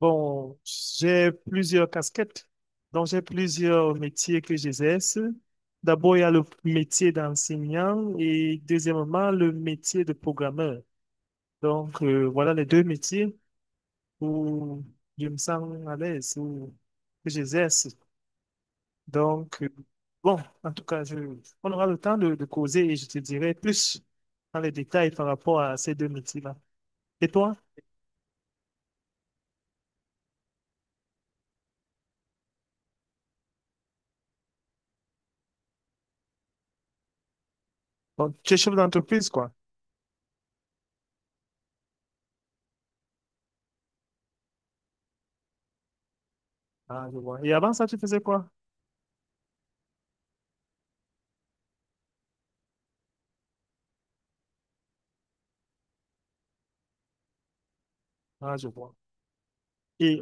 Bon, j'ai plusieurs casquettes, donc j'ai plusieurs métiers que j'exerce. D'abord, il y a le métier d'enseignant et deuxièmement, le métier de programmeur. Donc, voilà les deux métiers où je me sens à l'aise, où que j'exerce. Donc, bon, en tout cas, on aura le temps de causer et je te dirai plus dans les détails par rapport à ces deux métiers-là. Et toi? Bon, tu es chef d'entreprise, quoi. Ah, je vois. Et avant ça, tu faisais quoi? Ah, je vois. Et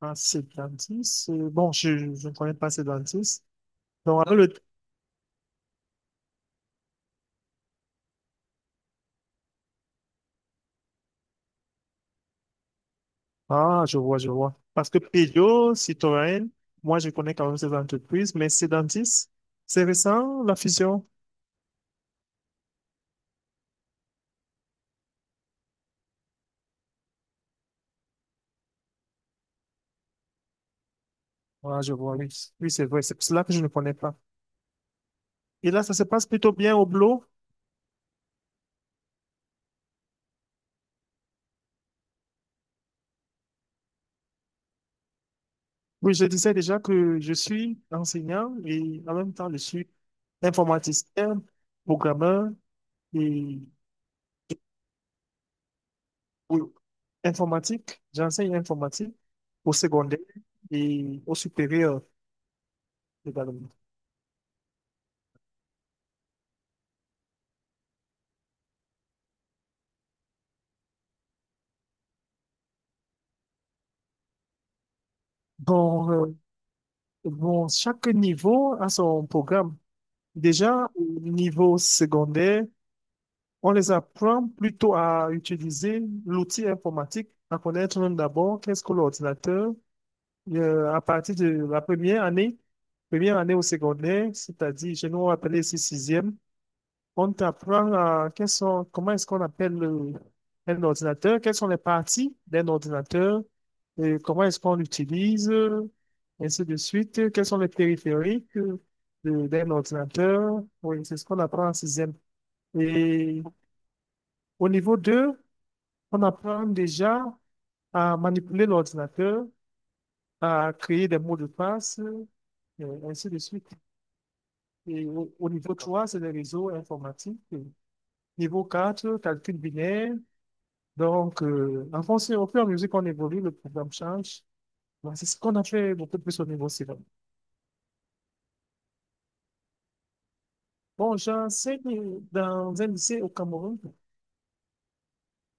un dentiste, bon, je ne connais pas ces dentistes. Donc, avec le Ah, je vois, je vois. Parce que Peugeot, Citroën, moi, je connais quand même ces entreprises, mais ces dentistes, c'est récent, la fusion. Ah, je vois, oui. Oui, c'est vrai, c'est pour cela que je ne connais pas. Et là, ça se passe plutôt bien au boulot. Oui, je disais déjà que je suis enseignant et en même temps, je suis informaticien, programmeur et oui. Informatique, j'enseigne informatique au secondaire et au supérieur également. Bon, chaque niveau a son programme. Déjà, au niveau secondaire, on les apprend plutôt à utiliser l'outil informatique, à connaître d'abord qu'est-ce que l'ordinateur à partir de la première année au secondaire, c'est-à-dire, chez nous, appelé ici sixième. On t'apprend quels sont, comment est-ce qu'on appelle un ordinateur, quelles sont les parties d'un ordinateur, et comment est-ce qu'on l'utilise, ainsi de suite, quels sont les périphériques d'un ordinateur. Oui, c'est ce qu'on apprend en sixième. Et au niveau 2, on apprend déjà à manipuler l'ordinateur, à créer des mots de passe, ainsi de suite. Et au niveau 3, c'est les réseaux informatiques. Niveau 4, calcul binaire. Donc, en fonction, au fur et à mesure qu'on évolue, le programme change. Bon, c'est ce qu'on a fait beaucoup plus au niveau civil. Bon, j'enseigne dans un lycée au Cameroun,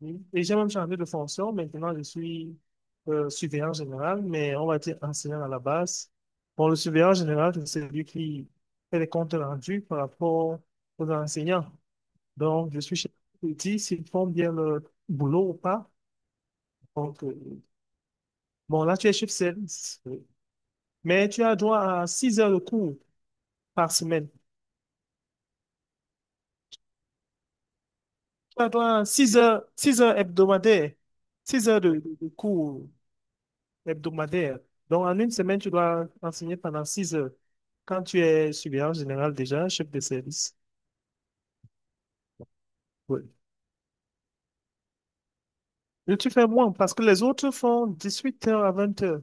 oui, et j'ai même changé de fonction. Maintenant, je suis surveillant général, mais on va dire enseignant à la base. Bon, le surveillant général, c'est celui qui fait les comptes rendus par rapport aux enseignants. Donc, je suis chef qui dit s'ils font bien leur boulot ou pas. Donc, bon, là, tu es chef service, oui. Mais tu as droit à 6 heures de cours par semaine. Ça doit 6 heures hebdomadaires, 6 heures de cours hebdomadaires. Donc, en une semaine, tu dois enseigner pendant 6 heures. Quand tu es surveillant général déjà, chef de service. Oui. Et tu fais moins parce que les autres font 18 heures à 20 heures.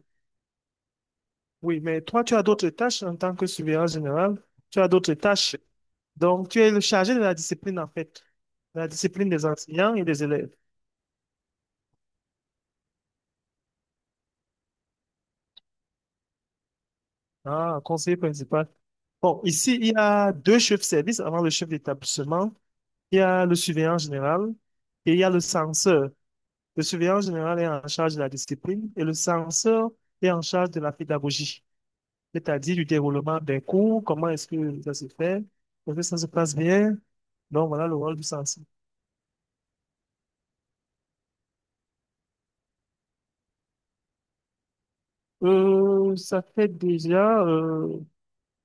Oui, mais toi, tu as d'autres tâches en tant que surveillant général. Tu as d'autres tâches. Donc, tu es le chargé de la discipline, en fait. La discipline des enseignants et des élèves. Ah, conseiller principal. Bon, ici, il y a deux chefs de service avant le chef d'établissement. Il y a le surveillant général et il y a le censeur. Le surveillant général est en charge de la discipline et le censeur est en charge de la pédagogie, c'est-à-dire du déroulement des cours, comment est-ce que ça se fait, est-ce que ça se passe bien. Donc, voilà le rôle du censeur. Ça fait déjà, euh,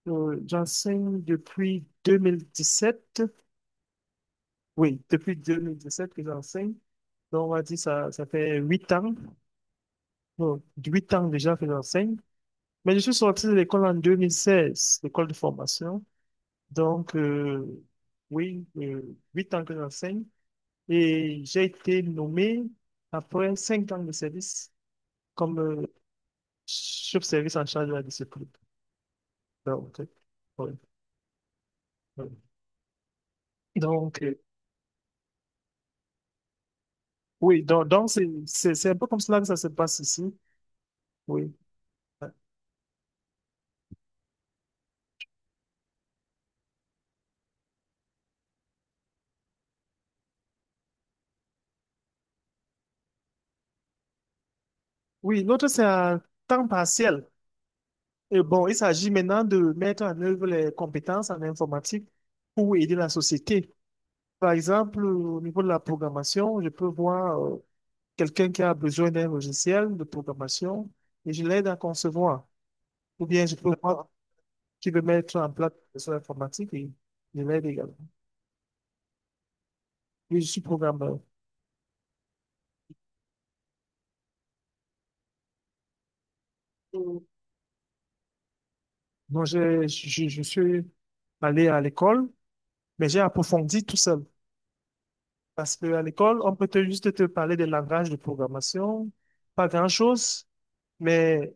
euh, j'enseigne depuis sept. Oui, depuis 2017 que j'enseigne. Donc, on va dire ça fait huit ans. Bon, huit ans déjà que j'enseigne. Mais je suis sorti de l'école en 2016, l'école de formation. Donc, oui, euh, huit ans que j'enseigne. Et j'ai été nommé après cinq ans de service comme chef-service en charge de la discipline. Donc, oui, oui. Donc, oui, donc c'est un peu comme cela que ça se passe ici. Oui. Oui, l'autre, c'est à temps partiel. Et bon, il s'agit maintenant de mettre en œuvre les compétences en informatique pour aider la société. Par exemple, au niveau de la programmation, je peux voir quelqu'un qui a besoin d'un logiciel de programmation et je l'aide à concevoir. Ou bien je peux voir qui veut mettre en place des solution informatiques et je l'aide également. Oui, je suis programmeur. Mm. Je suis allé à l'école, mais j'ai approfondi tout seul. Parce qu'à l'école, on peut juste te parler des langages de programmation, pas grand-chose, mais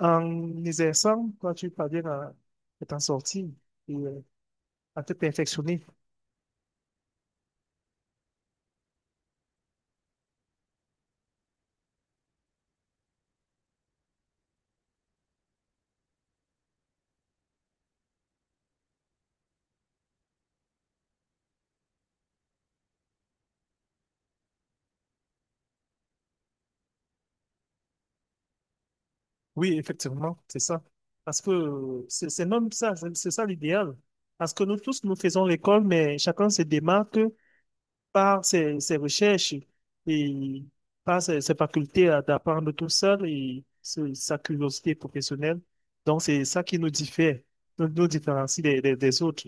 en exerçant, toi, tu parviens à t'en sortir et à te perfectionner. Oui, effectivement, c'est ça. Parce que c'est même ça, c'est ça l'idéal. Parce que nous tous, nous faisons l'école, mais chacun se démarque par ses recherches et par ses facultés d'apprendre tout seul et sa curiosité professionnelle. Donc, c'est ça qui nous diffère, nous différencie des, des autres.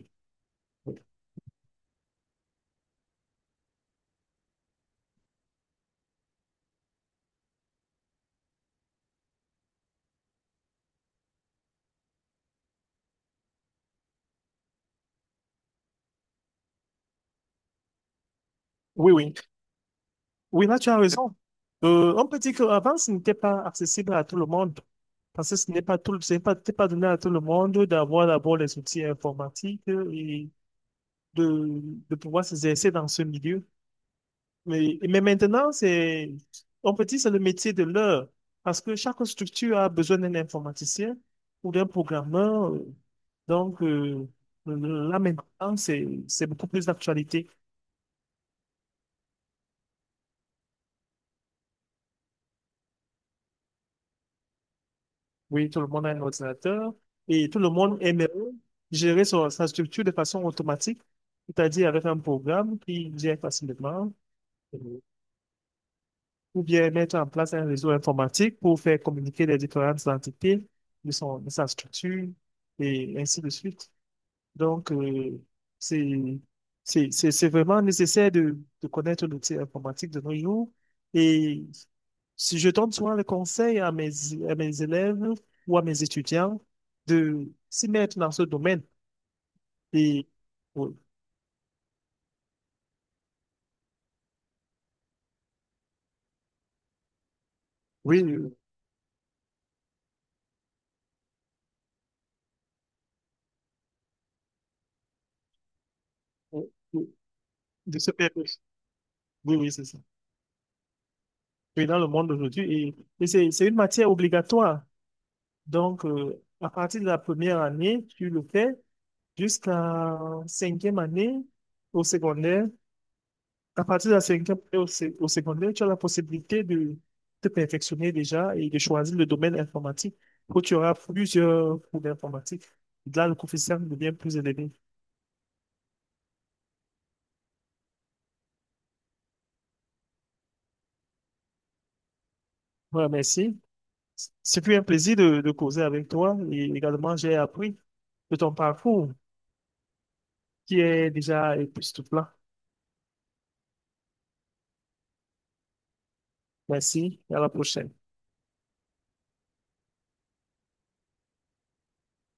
Oui, oui. Oui, là, tu as raison. On peut dire qu'avant, ce n'était pas accessible à tout le monde. Parce que ce n'est pas tout, ce n'est pas, c'était pas donné à tout le monde d'avoir d'abord les outils informatiques et de, de pouvoir s'exercer dans ce milieu. Mais maintenant, on peut dire que c'est le métier de l'heure. Parce que chaque structure a besoin d'un informaticien ou d'un programmeur. Donc, là maintenant, c'est beaucoup plus d'actualité. Oui, tout le monde a un ordinateur et tout le monde aime gérer sa structure de façon automatique, c'est-à-dire avec un programme qui gère facilement, euh, ou bien mettre en place un réseau informatique pour faire communiquer les différentes entités de de sa structure et ainsi de suite. Donc, c'est, c'est c'est vraiment nécessaire de connaître l'outil informatique de nos jours. Et si je donne souvent le conseil à à mes élèves ou à mes étudiants de s'y mettre dans ce domaine. Et oui, oui, oui, oui, de se faire. Oui, oui, c'est ça. Oui, dans le monde d'aujourd'hui. Et c'est une matière obligatoire. Donc, à partir de la première année, tu le fais jusqu'à cinquième année au secondaire. À partir de la cinquième année au secondaire, tu as la possibilité de te perfectionner déjà et de choisir le domaine informatique où tu auras plusieurs cours d'informatique. Là, le coefficient devient plus élevé. Voilà, merci. C'est plus un plaisir de causer avec toi et également j'ai appris de ton parcours qui est déjà époustouflant. Merci et à la prochaine.